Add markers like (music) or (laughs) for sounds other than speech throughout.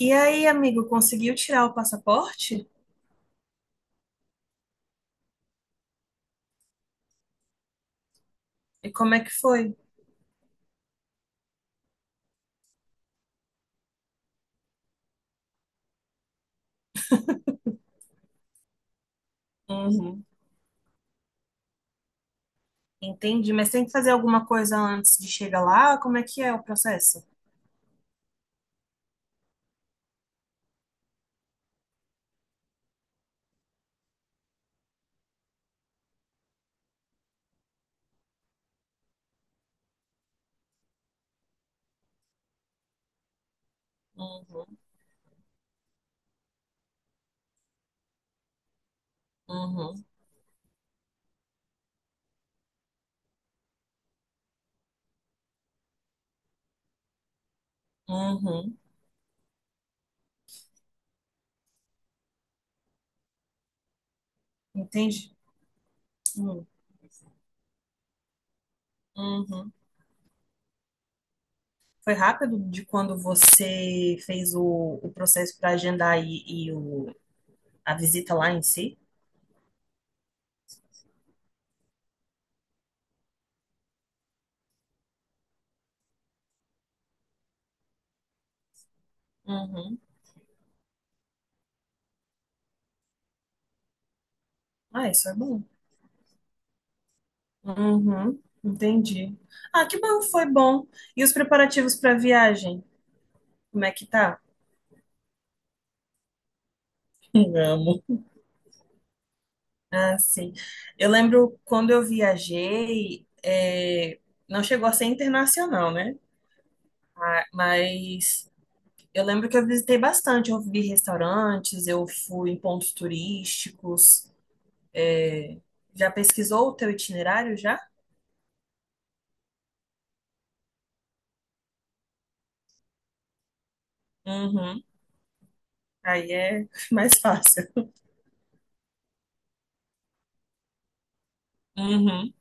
E aí, amigo, conseguiu tirar o passaporte? E como é que foi? Uhum. Entendi, mas tem que fazer alguma coisa antes de chegar lá? Como é que é o processo? Uhum, uhum, uhum. Entendi. Uhum, uhum. Foi rápido de quando você fez o processo para agendar e o, a visita lá em si? Uhum. Ah, isso é bom. Uhum, entendi. Ah, que bom, foi bom. E os preparativos para a viagem? Como é que tá? (laughs) Amo. Ah, sim. Eu lembro quando eu viajei, não chegou a ser internacional, né? Mas eu lembro que eu visitei bastante. Eu vi restaurantes, eu fui em pontos turísticos. Já pesquisou o teu itinerário já? Uhum. Aí é (laughs) mais fácil. Uhum.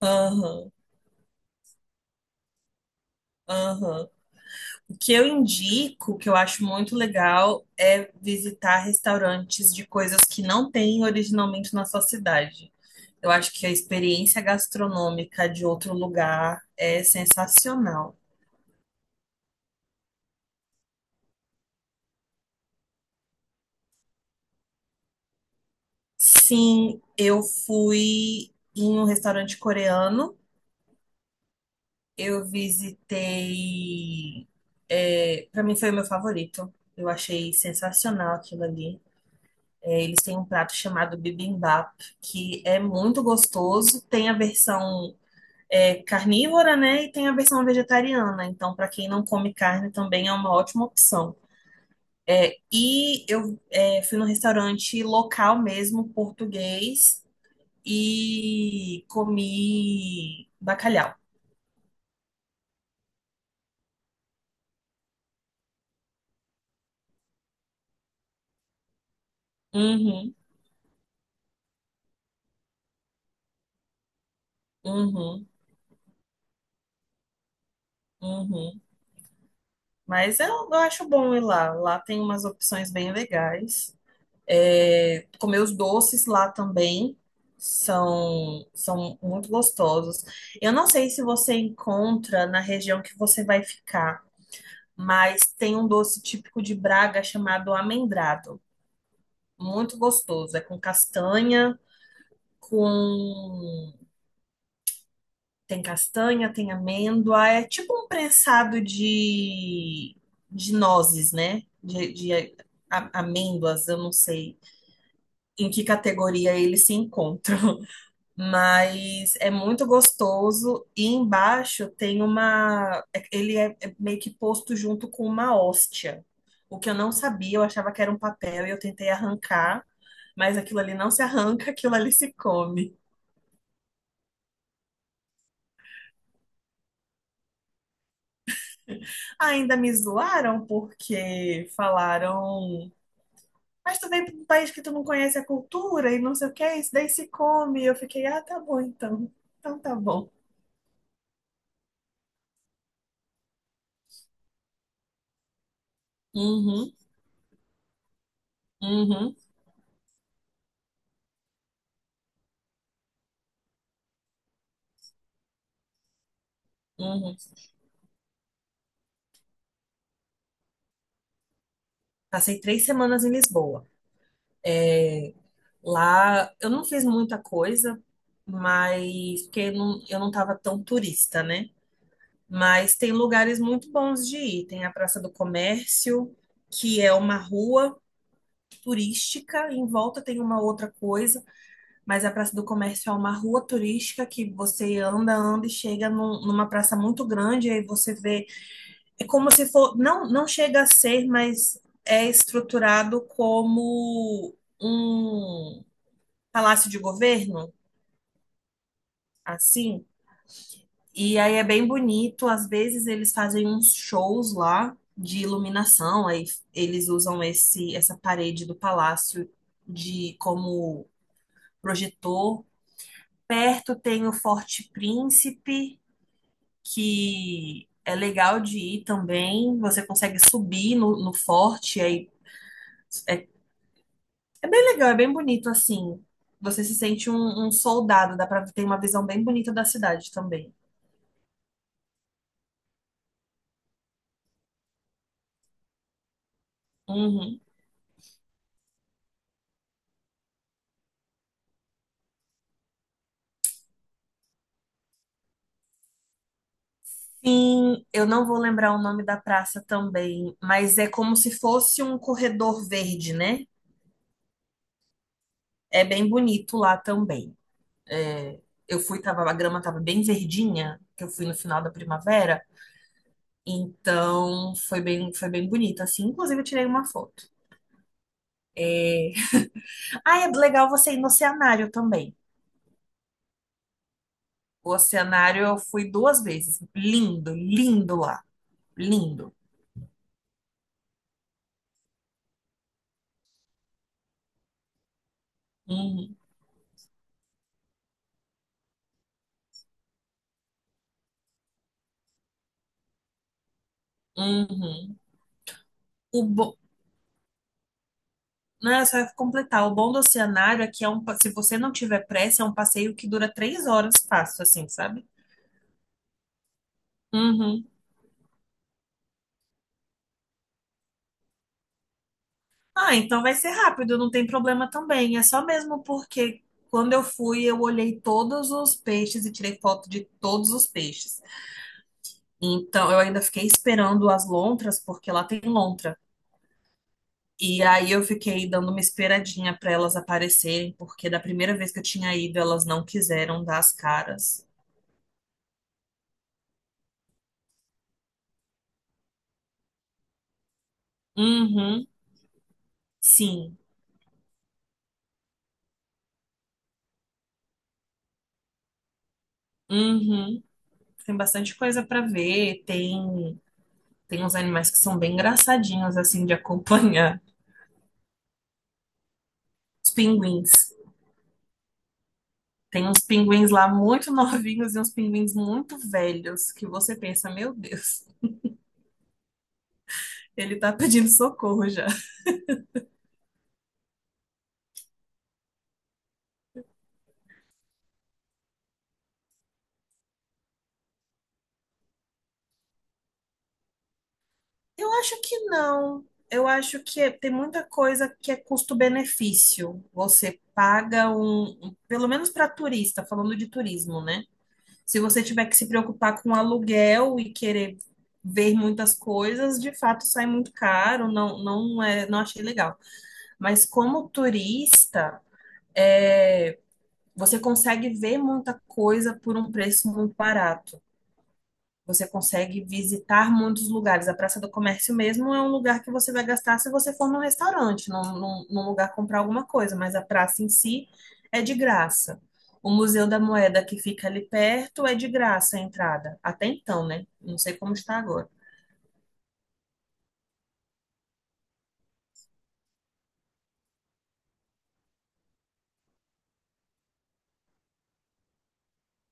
Aham. Aham. O que eu indico, que eu acho muito legal, é visitar restaurantes de coisas que não tem originalmente na sua cidade. Eu acho que a experiência gastronômica de outro lugar é sensacional. Sim, eu fui em um restaurante coreano. Eu visitei. É, para mim foi o meu favorito. Eu achei sensacional aquilo ali. Eles têm um prato chamado bibimbap, que é muito gostoso. Tem a versão carnívora, né? E tem a versão vegetariana. Então, para quem não come carne, também é uma ótima opção. E eu fui num restaurante local mesmo, português, e comi bacalhau. Uhum, uhum, uhum. Mas eu acho bom ir lá. Lá tem umas opções bem legais. É, comer os doces lá também são muito gostosos. Eu não sei se você encontra na região que você vai ficar, mas tem um doce típico de Braga chamado amendrado. Muito gostoso. É com castanha, com. Tem castanha, tem amêndoa. É tipo um prensado de nozes, né? De amêndoas, eu não sei em que categoria eles se encontram. (laughs) Mas é muito gostoso. E embaixo tem uma. Ele é meio que posto junto com uma hóstia. O que eu não sabia, eu achava que era um papel e eu tentei arrancar. Mas aquilo ali não se arranca, (laughs) aquilo ali se come. Ainda me zoaram porque falaram, mas tu veio para um país que tu não conhece a cultura e não sei o que, isso daí se come. Eu fiquei, ah, tá bom então. Então tá bom. Uhum, uhum, uhum. Passei 3 semanas em Lisboa. É, Lá eu não fiz muita coisa, mas porque eu não tava tão turista, né? Mas tem lugares muito bons de ir. Tem a Praça do Comércio, que é uma rua turística, em volta tem uma outra coisa. Mas a Praça do Comércio é uma rua turística que você anda, anda e chega numa praça muito grande, aí você vê. É como se for. Não, não chega a ser, mas é estruturado como um palácio de governo, assim. E aí é bem bonito. Às vezes eles fazem uns shows lá de iluminação, aí eles usam essa parede do palácio de como projetor. Perto tem o Forte Príncipe que é legal de ir também. Você consegue subir no forte, aí é, é bem legal, é bem bonito assim. Você se sente um soldado, dá pra ter uma visão bem bonita da cidade também. Uhum. Sim, eu não vou lembrar o nome da praça também, mas é como se fosse um corredor verde, né? É bem bonito lá também. É, eu fui, tava, a grama tava bem verdinha, que eu fui no final da primavera. Então, foi bem bonito, assim. Inclusive, eu tirei uma foto. Ah, é legal você ir no oceanário também. O oceanário eu fui duas vezes. Lindo, lindo lá. Lindo. Uhum, uhum. O bom, né, só ia completar. O bom do oceanário é que é se você não tiver pressa, é um passeio que dura 3 horas fácil, assim, sabe? Uhum. Ah, então vai ser rápido, não tem problema também. É só mesmo porque quando eu fui, eu olhei todos os peixes e tirei foto de todos os peixes. Então, eu ainda fiquei esperando as lontras, porque lá tem lontra. E aí eu fiquei dando uma esperadinha para elas aparecerem, porque da primeira vez que eu tinha ido, elas não quiseram dar as caras. Uhum, sim. Uhum. Tem bastante coisa para ver. Tem uns animais que são bem engraçadinhos, assim, de acompanhar. Os pinguins. Tem uns pinguins lá muito (laughs) novinhos e uns pinguins muito velhos, que você pensa, meu Deus, ele tá pedindo socorro já. Eu acho que não. Eu acho que tem muita coisa que é custo-benefício. Você paga pelo menos para turista, falando de turismo, né? Se você tiver que se preocupar com aluguel e querer ver muitas coisas, de fato sai muito caro, não é, não achei legal. Mas como turista, é, você consegue ver muita coisa por um preço muito barato. Você consegue visitar muitos lugares. A Praça do Comércio mesmo é um lugar que você vai gastar se você for num restaurante, num lugar comprar alguma coisa, mas a praça em si é de graça. O Museu da Moeda que fica ali perto é de graça a entrada. Até então, né? Não sei como está agora.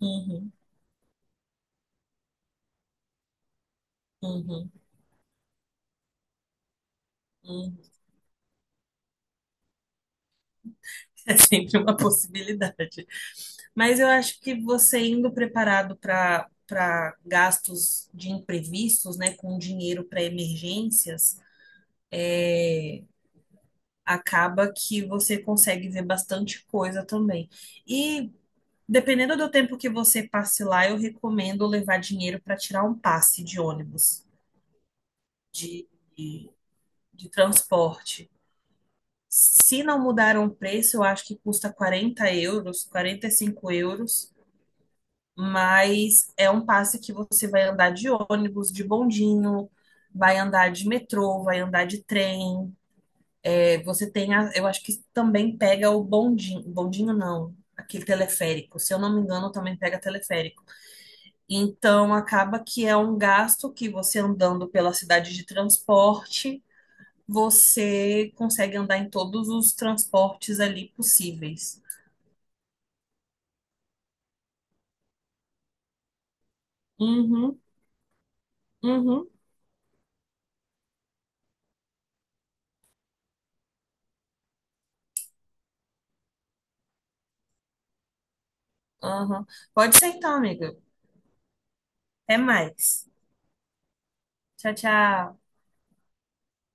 Uhum, uhum, uhum. (laughs) É sempre uma possibilidade. Mas eu acho que você indo preparado para gastos de imprevistos, né, com dinheiro para emergências, acaba que você consegue ver bastante coisa também. E dependendo do tempo que você passe lá, eu recomendo levar dinheiro para tirar um passe de ônibus, de, de, de transporte. Se não mudaram o preço, eu acho que custa 40 euros, 45 euros, mas é um passe que você vai andar de ônibus, de bondinho, vai andar de metrô, vai andar de trem, Você tem a, eu acho que também pega o bondinho, bondinho não, aquele teleférico. Se eu não me engano, também pega teleférico. Então acaba que é um gasto que você andando pela cidade de transporte, você consegue andar em todos os transportes ali possíveis. Uhum, uhum, uhum. Pode ser então, amiga. Até mais. Tchau, tchau.